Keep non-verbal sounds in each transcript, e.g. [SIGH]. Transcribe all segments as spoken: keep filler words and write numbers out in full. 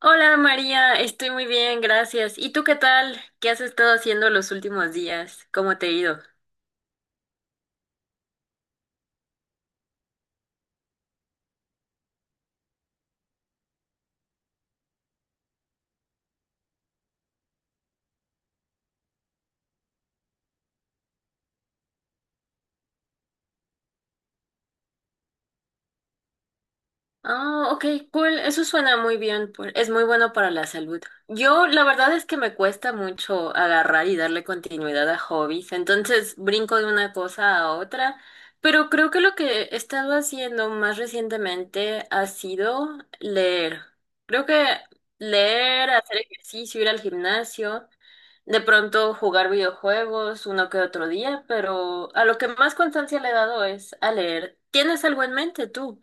Hola María, estoy muy bien, gracias. ¿Y tú qué tal? ¿Qué has estado haciendo los últimos días? ¿Cómo te ha ido? Ah, ok, cool. Eso suena muy bien. por- Es muy bueno para la salud. Yo, la verdad es que me cuesta mucho agarrar y darle continuidad a hobbies, entonces brinco de una cosa a otra. Pero creo que lo que he estado haciendo más recientemente ha sido leer. Creo que leer, hacer ejercicio, ir al gimnasio. De pronto jugar videojuegos uno que otro día, pero a lo que más constancia le he dado es a leer. ¿Tienes algo en mente tú?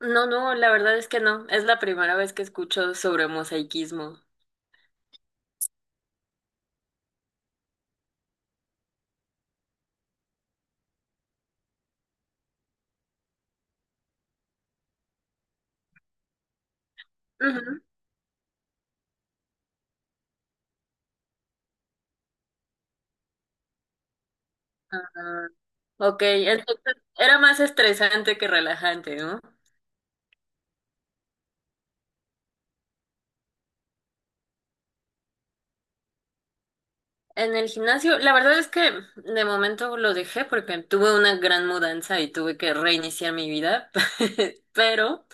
No, no, la verdad es que no. Es la primera vez que escucho sobre mosaicismo. Ujú. Ah, ok, entonces era más estresante que relajante, ¿no? En el gimnasio, la verdad es que de momento lo dejé porque tuve una gran mudanza y tuve que reiniciar mi vida, [LAUGHS] pero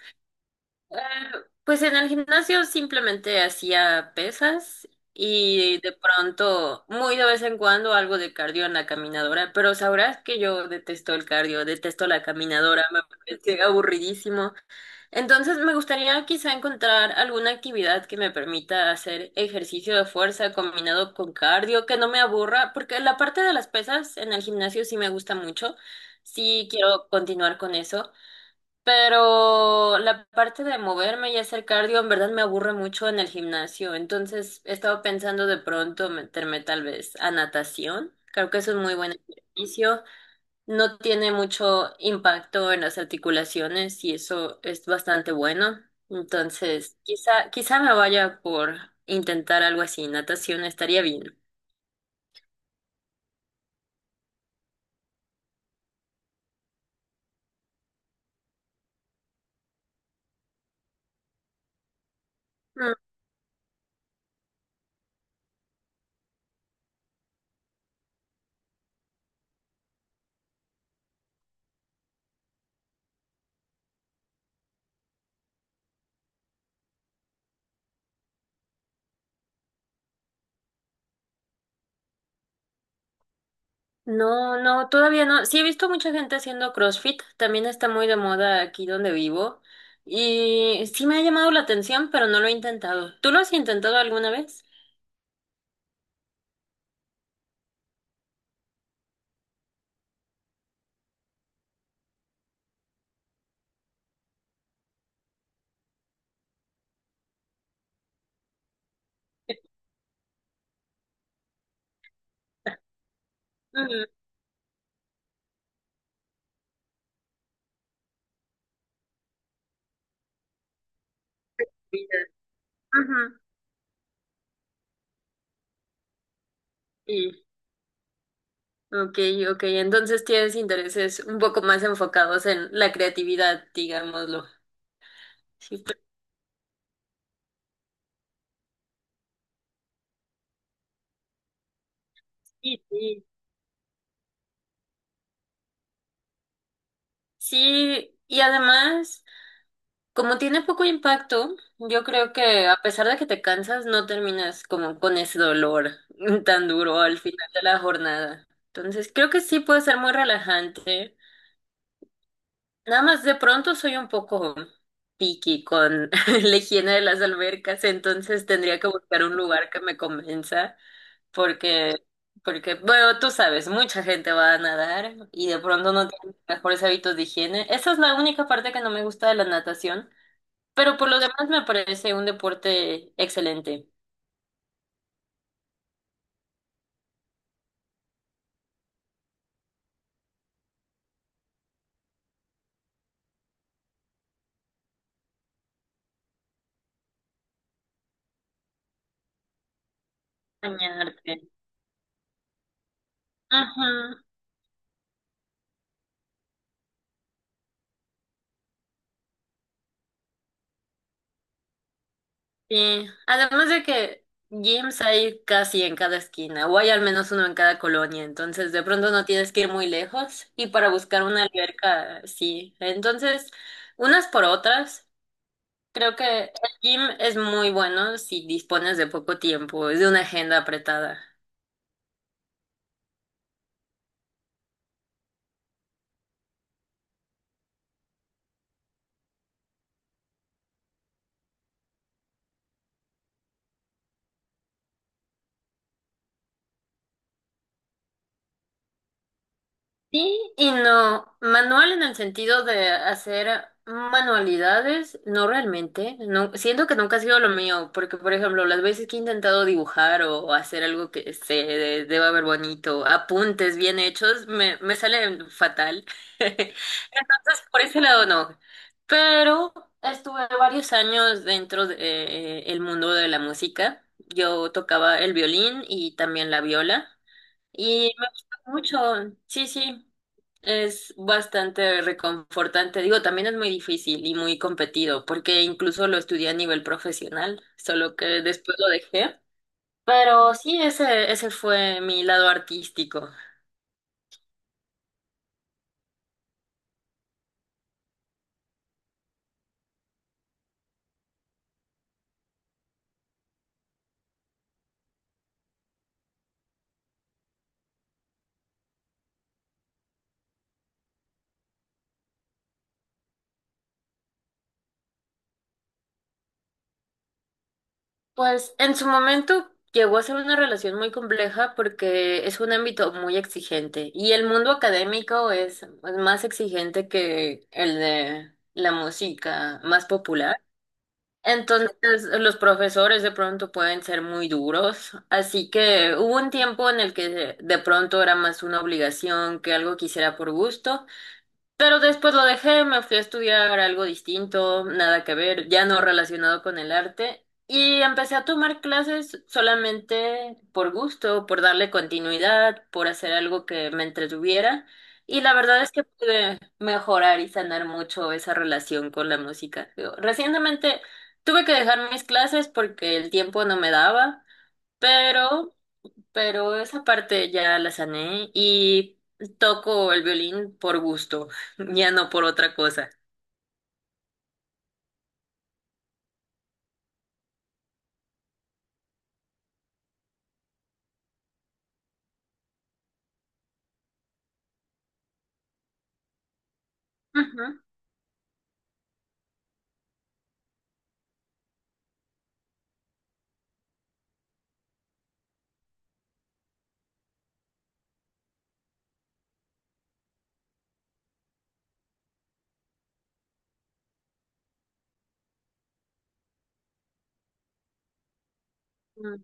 ah, pues en el gimnasio simplemente hacía pesas y de pronto, muy de vez en cuando, algo de cardio en la caminadora, pero sabrás que yo detesto el cardio, detesto la caminadora, me parece aburridísimo. Entonces me gustaría quizá encontrar alguna actividad que me permita hacer ejercicio de fuerza combinado con cardio, que no me aburra, porque la parte de las pesas en el gimnasio sí me gusta mucho, sí quiero continuar con eso. Pero la parte de moverme y hacer cardio en verdad me aburre mucho en el gimnasio, entonces he estado pensando de pronto meterme tal vez a natación. Creo que es un muy buen ejercicio, no tiene mucho impacto en las articulaciones y eso es bastante bueno. Entonces, quizá quizá me vaya por intentar algo así, natación estaría bien. No, no, todavía no. Sí he visto mucha gente haciendo CrossFit, también está muy de moda aquí donde vivo y sí me ha llamado la atención, pero no lo he intentado. ¿Tú lo has intentado alguna vez? Ujú, vida. Ujú, sí, ok, ok. Entonces tienes intereses un poco más enfocados en la creatividad, digámoslo. Sí, pues, sí, sí. Sí, y además como tiene poco impacto, yo creo que a pesar de que te cansas, no terminas como con ese dolor [LAUGHS] tan duro al final de la jornada. Entonces, creo que sí puede ser muy relajante. Nada más de pronto soy un poco picky con [LAUGHS] la higiene de las albercas, entonces tendría que buscar un lugar que me convenza porque porque bueno, tú sabes, mucha gente va a nadar y de pronto no tiene los mejores hábitos de higiene. Esa es la única parte que no me gusta de la natación. Pero por lo demás me parece un deporte excelente. Bañarte. Ajá, sí. Además de que gyms hay casi en cada esquina, o hay al menos uno en cada colonia, entonces de pronto no tienes que ir muy lejos y para buscar una alberca, sí. Entonces, unas por otras, creo que el gym es muy bueno si dispones de poco tiempo, es de una agenda apretada. Sí y no. Manual en el sentido de hacer manualidades, no realmente. No, siento que nunca ha sido lo mío, porque por ejemplo, las veces que he intentado dibujar o hacer algo que se de- deba ver bonito, apuntes bien hechos, me, me salen fatal. [LAUGHS] Entonces, por ese lado no. Pero estuve varios años dentro de, eh, el mundo de la música. Yo tocaba el violín y también la viola. Y me gusta mucho, sí, sí, es bastante reconfortante. Digo, también es muy difícil y muy competido, porque incluso lo estudié a nivel profesional, solo que después lo dejé. Pero sí, ese, ese fue mi lado artístico. Pues en su momento llegó a ser una relación muy compleja porque es un ámbito muy exigente y el mundo académico es más exigente que el de la música más popular. Entonces, los profesores de pronto pueden ser muy duros, así que hubo un tiempo en el que de pronto era más una obligación que algo que hiciera por gusto, pero después lo dejé, me fui a estudiar algo distinto, nada que ver, ya no relacionado con el arte. Y empecé a tomar clases solamente por gusto, por darle continuidad, por hacer algo que me entretuviera. Y la verdad es que pude mejorar y sanar mucho esa relación con la música. Digo, recientemente tuve que dejar mis clases porque el tiempo no me daba, pero pero esa parte ya la sané y toco el violín por gusto, [LAUGHS] ya no por otra cosa. Ujú, ujú,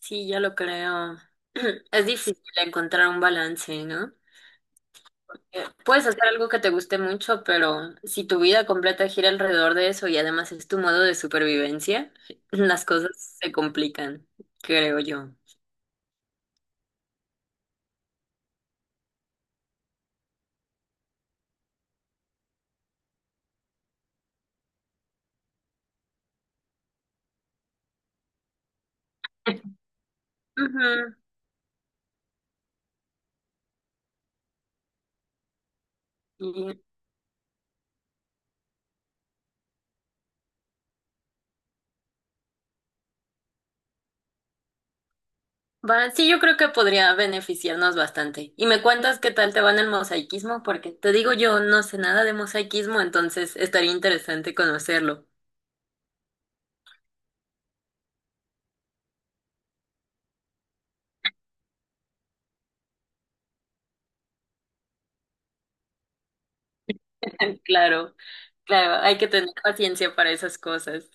sí, ya lo creo. [CLEARS THROAT] Es difícil encontrar un balance, ¿no? Eh, Puedes hacer algo que te guste mucho, pero si tu vida completa gira alrededor de eso y además es tu modo de supervivencia, [CLEARS THROAT] [LAUGHS] las cosas se complican, creo yo. [LAUGHS] Ujú. Va, sí, yo creo que podría beneficiarnos bastante. Y me cuentas qué tal te va en el mosaicismo, porque te digo yo no sé nada de mosaicismo, entonces estaría interesante conocerlo. [LAUGHS] Claro, claro, hay que tener paciencia para esas cosas.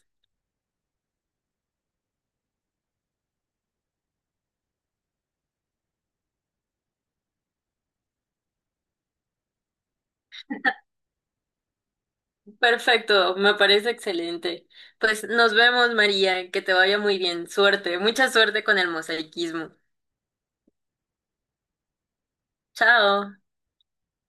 Perfecto, me parece excelente. Pues nos vemos, María, que te vaya muy bien. Suerte, mucha suerte con el mosaicismo. Chao.